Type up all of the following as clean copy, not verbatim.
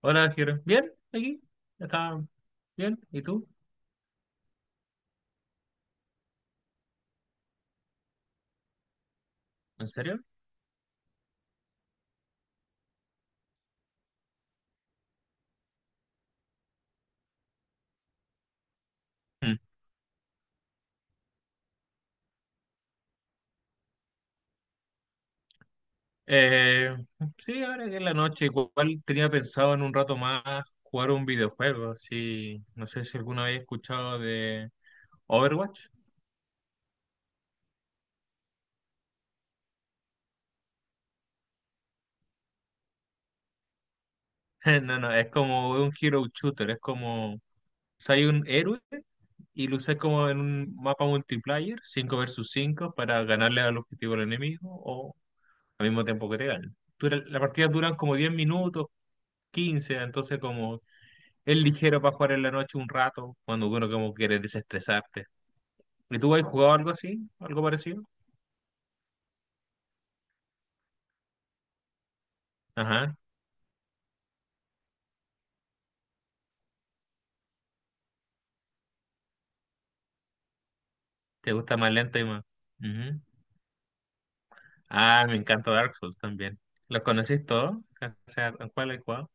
Hola, Jero. ¿Bien? ¿Aquí? ¿Está bien? ¿Y tú? ¿En serio? Mm. Eh, sí, ahora que es la noche, igual tenía pensado en un rato más jugar un videojuego. Sí, no sé si alguna vez he escuchado de Overwatch. No, no, es como un hero shooter, es como, o un héroe y lo usas como en un mapa multiplayer, 5 versus 5 para ganarle al objetivo al enemigo o al mismo tiempo que te ganen. La partida duran como 10 minutos, 15, entonces como es ligero para jugar en la noche un rato, cuando uno como quiere desestresarte. ¿Y tú has jugado algo así? ¿Algo parecido? Ajá. ¿Te gusta más lento y más? Ujú. Ah, me encanta Dark Souls también. ¿Los conocís todos? O sea, ¿a ¿cuál has jugado?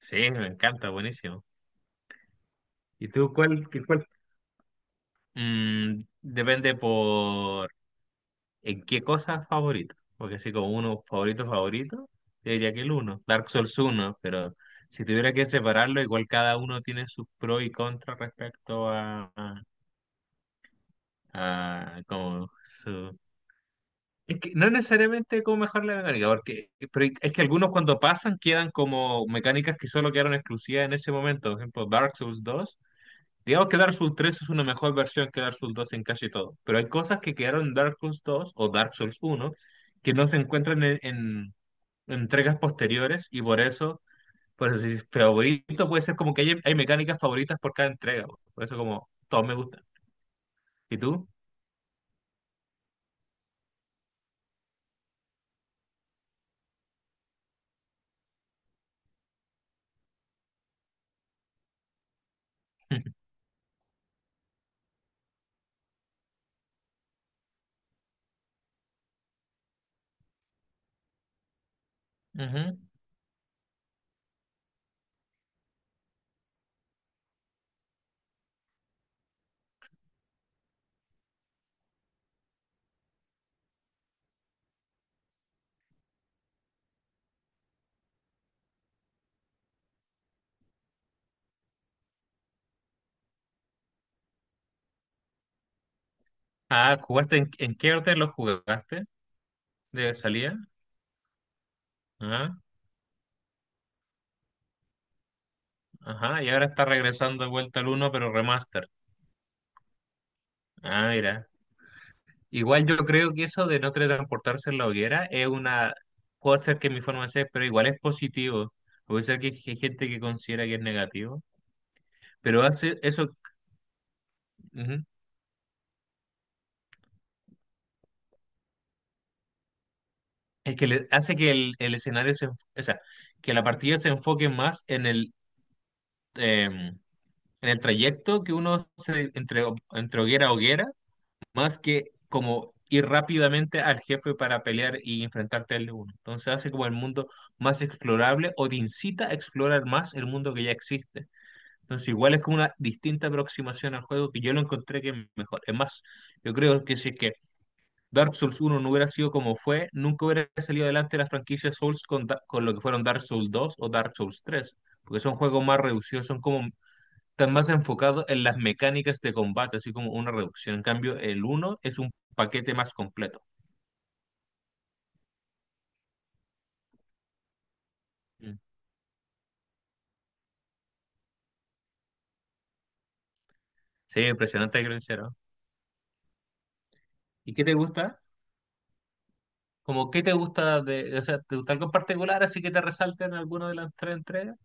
Sí, me encanta, buenísimo. ¿Y tú cuál? ¿Cuál? Depende por. ¿En qué cosa favorito? Porque así como uno favorito, favorito, te diría que el uno, Dark Souls uno. Pero si tuviera que separarlo, igual cada uno tiene sus pros y contras respecto a como su... Es que no necesariamente como mejor la mecánica, porque pero es que algunos cuando pasan quedan como mecánicas que solo quedaron exclusivas en ese momento. Por ejemplo, Dark Souls dos. Digamos que Dark Souls 3 es una mejor versión que Dark Souls 2 en casi todo, pero hay cosas que quedaron en Dark Souls 2 o Dark Souls 1 que no se encuentran en entregas posteriores y por eso si favorito puede ser como que hay mecánicas favoritas por cada entrega, po. Por eso como todos me gustan. ¿Y tú? Ujú. Ah, ¿jugaste en qué orden los jugaste de salida? Ajá, ajá, y ahora está regresando de vuelta al uno pero remaster. Ah, mira. Igual yo creo que eso de no teletransportarse en la hoguera es una, puede ser que mi forma de ser, pero igual es positivo. Puede ser que hay gente que considera que es negativo, pero hace eso, ujú, es que le, hace que el escenario se, o sea, que la partida se enfoque más em, en el trayecto que uno se, entre hoguera a hoguera más que como ir rápidamente al jefe para pelear y enfrentarte al uno. Entonces hace como el mundo más explorable o te incita a explorar más el mundo que ya existe. Entonces igual es como una distinta aproximación al juego que yo lo encontré que es mejor. Es más, yo creo que si es que Dark Souls uno no hubiera sido como fue, nunca hubiera salido adelante la franquicia Souls con, con lo que fueron Dark Souls dos o Dark Souls 3 porque son juegos más reducidos, son como están más enfocados en las mecánicas de combate, así como una reducción. En cambio, el uno es un paquete más completo. Mm. Sí, impresionante creo que lo hicieron. ¿Y qué te gusta? Como, ¿qué te gusta de, o sea, te gusta algo en particular así que te resalten en alguna de las tres entregas?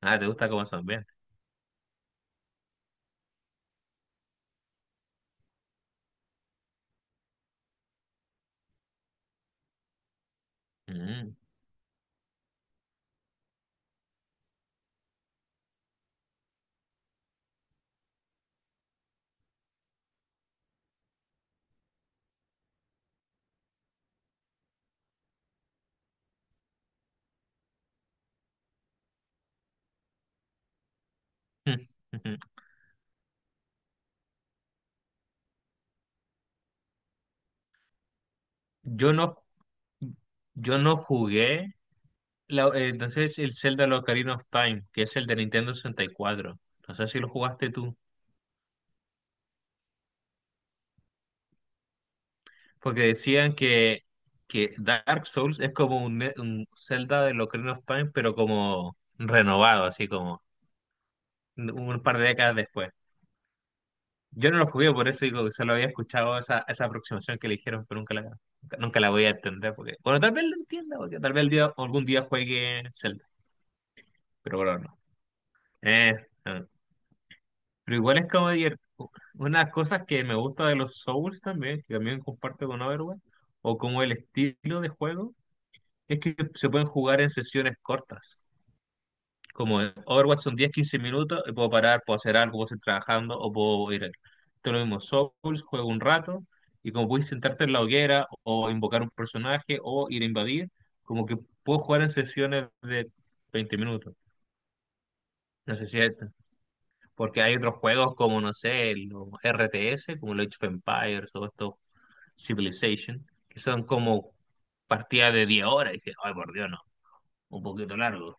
Ah, te gusta cómo son bien. Mm. Yo no, yo no jugué entonces el Zelda Ocarina of Time, que es el de Nintendo 64. No sé si lo jugaste tú. Porque decían que Dark Souls es como un, un Zelda de Ocarina of Time, pero como renovado, así como un par de décadas después. Yo no lo jugué, por eso digo que solo había escuchado esa aproximación que le dijeron, pero nunca la voy a entender. Porque, bueno, tal vez la entienda, porque tal vez el día, algún día juegue Zelda, pero bueno, no. Eh, no Pero igual es como una de las cosas que me gusta de los Souls también, que también comparto con Overwatch, o como el estilo de juego es que se pueden jugar en sesiones cortas. Como en Overwatch son 10, 15 minutos, y puedo parar, puedo hacer algo, puedo seguir trabajando o puedo ir. Todo lo mismo, Souls, juego un rato y como puedes sentarte en la hoguera o invocar un personaje o ir a invadir, como que puedo jugar en sesiones de 20 minutos. No sé si es esto, porque hay otros juegos como, no sé, los RTS, como los Age of Empires o estos Civilization, que son como partidas de 10 horas. Y dije, ay, por Dios, no, un poquito largo.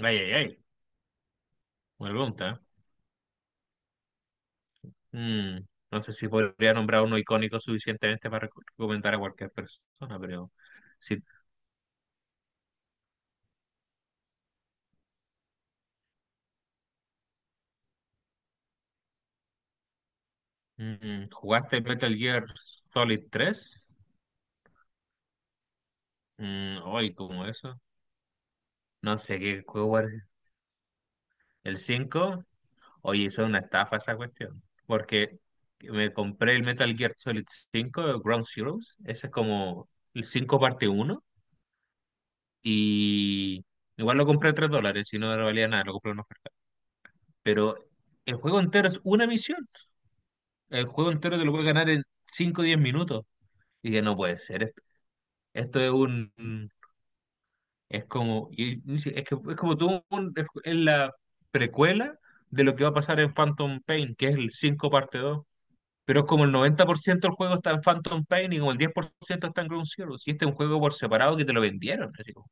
Ay, ay, ay. Buena pregunta. ¿Eh? Mm, no sé si podría nombrar uno icónico suficientemente para recomendar a cualquier persona, pero si jugaste Metal Gear Solid tres, hoy como eso, no sé qué juego era el cinco. Oye, eso es una estafa esa cuestión, porque me compré el Metal Gear Solid cinco Ground Zeroes, ese es como el 5 parte uno y igual lo compré a $3, si no, no valía nada, lo compré en oferta, pero el juego entero es una misión. El juego entero te lo puede ganar en 5 o 10 minutos. Y que no puede ser esto. Esto es un. Es como. Y sí, es que es como tú. Es la precuela de lo que va a pasar en Phantom Pain, que es el 5 parte dos. Pero es como el 90% del juego está en Phantom Pain y como el 10% está en Ground Zero. Si este es un juego por separado que te lo vendieron, así como.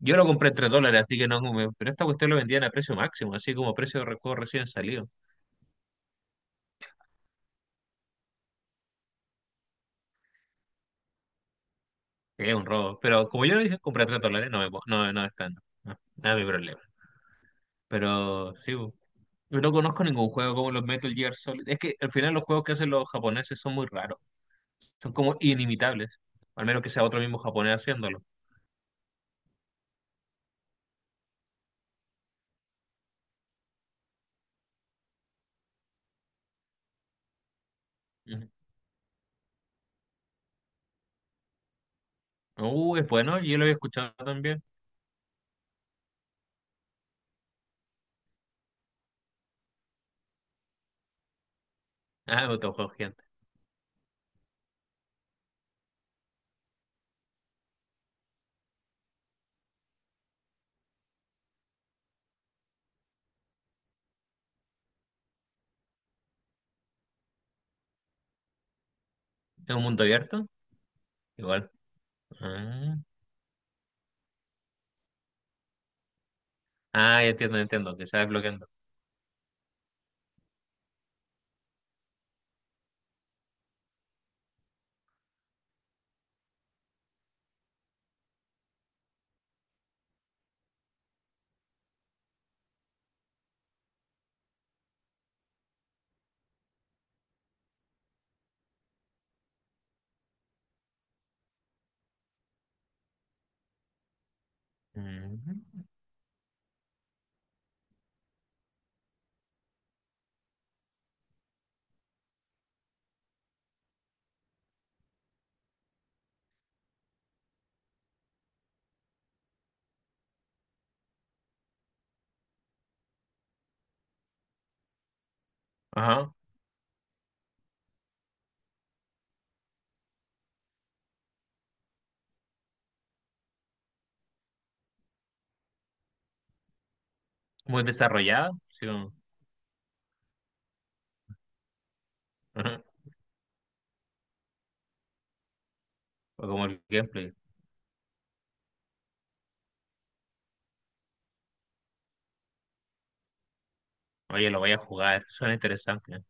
Yo lo compré en $3, así que no. Pero esta cuestión lo vendían a precio máximo, así como precio de juego recién salido. Es un robo. Pero como yo lo dije, compré a $3, no, me, no, no es tan. No, no es mi problema. Pero sí, bo. Yo no conozco ningún juego como los Metal Gear Solid. Es que al final los juegos que hacen los japoneses son muy raros. Son como inimitables. Al menos que sea otro mismo japonés haciéndolo. Ujú. Es bueno, yo lo había escuchado también. Ah, otro juego gigante. ¿Es un mundo abierto? Igual. Ah, Ah, ya entiendo, que se va desbloqueando. Ujú. Ajá, muy desarrollado. Sí, como ajá, o como el gameplay. Oye, lo voy a jugar, suena interesante.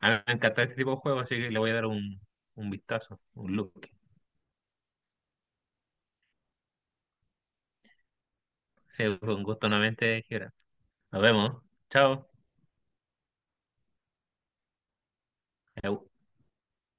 A mí me encanta este tipo de juegos, así que le voy a dar un, vistazo, un look. Sí, fue un gusto nuevamente, Gibran. Nos vemos. Chao. Eu.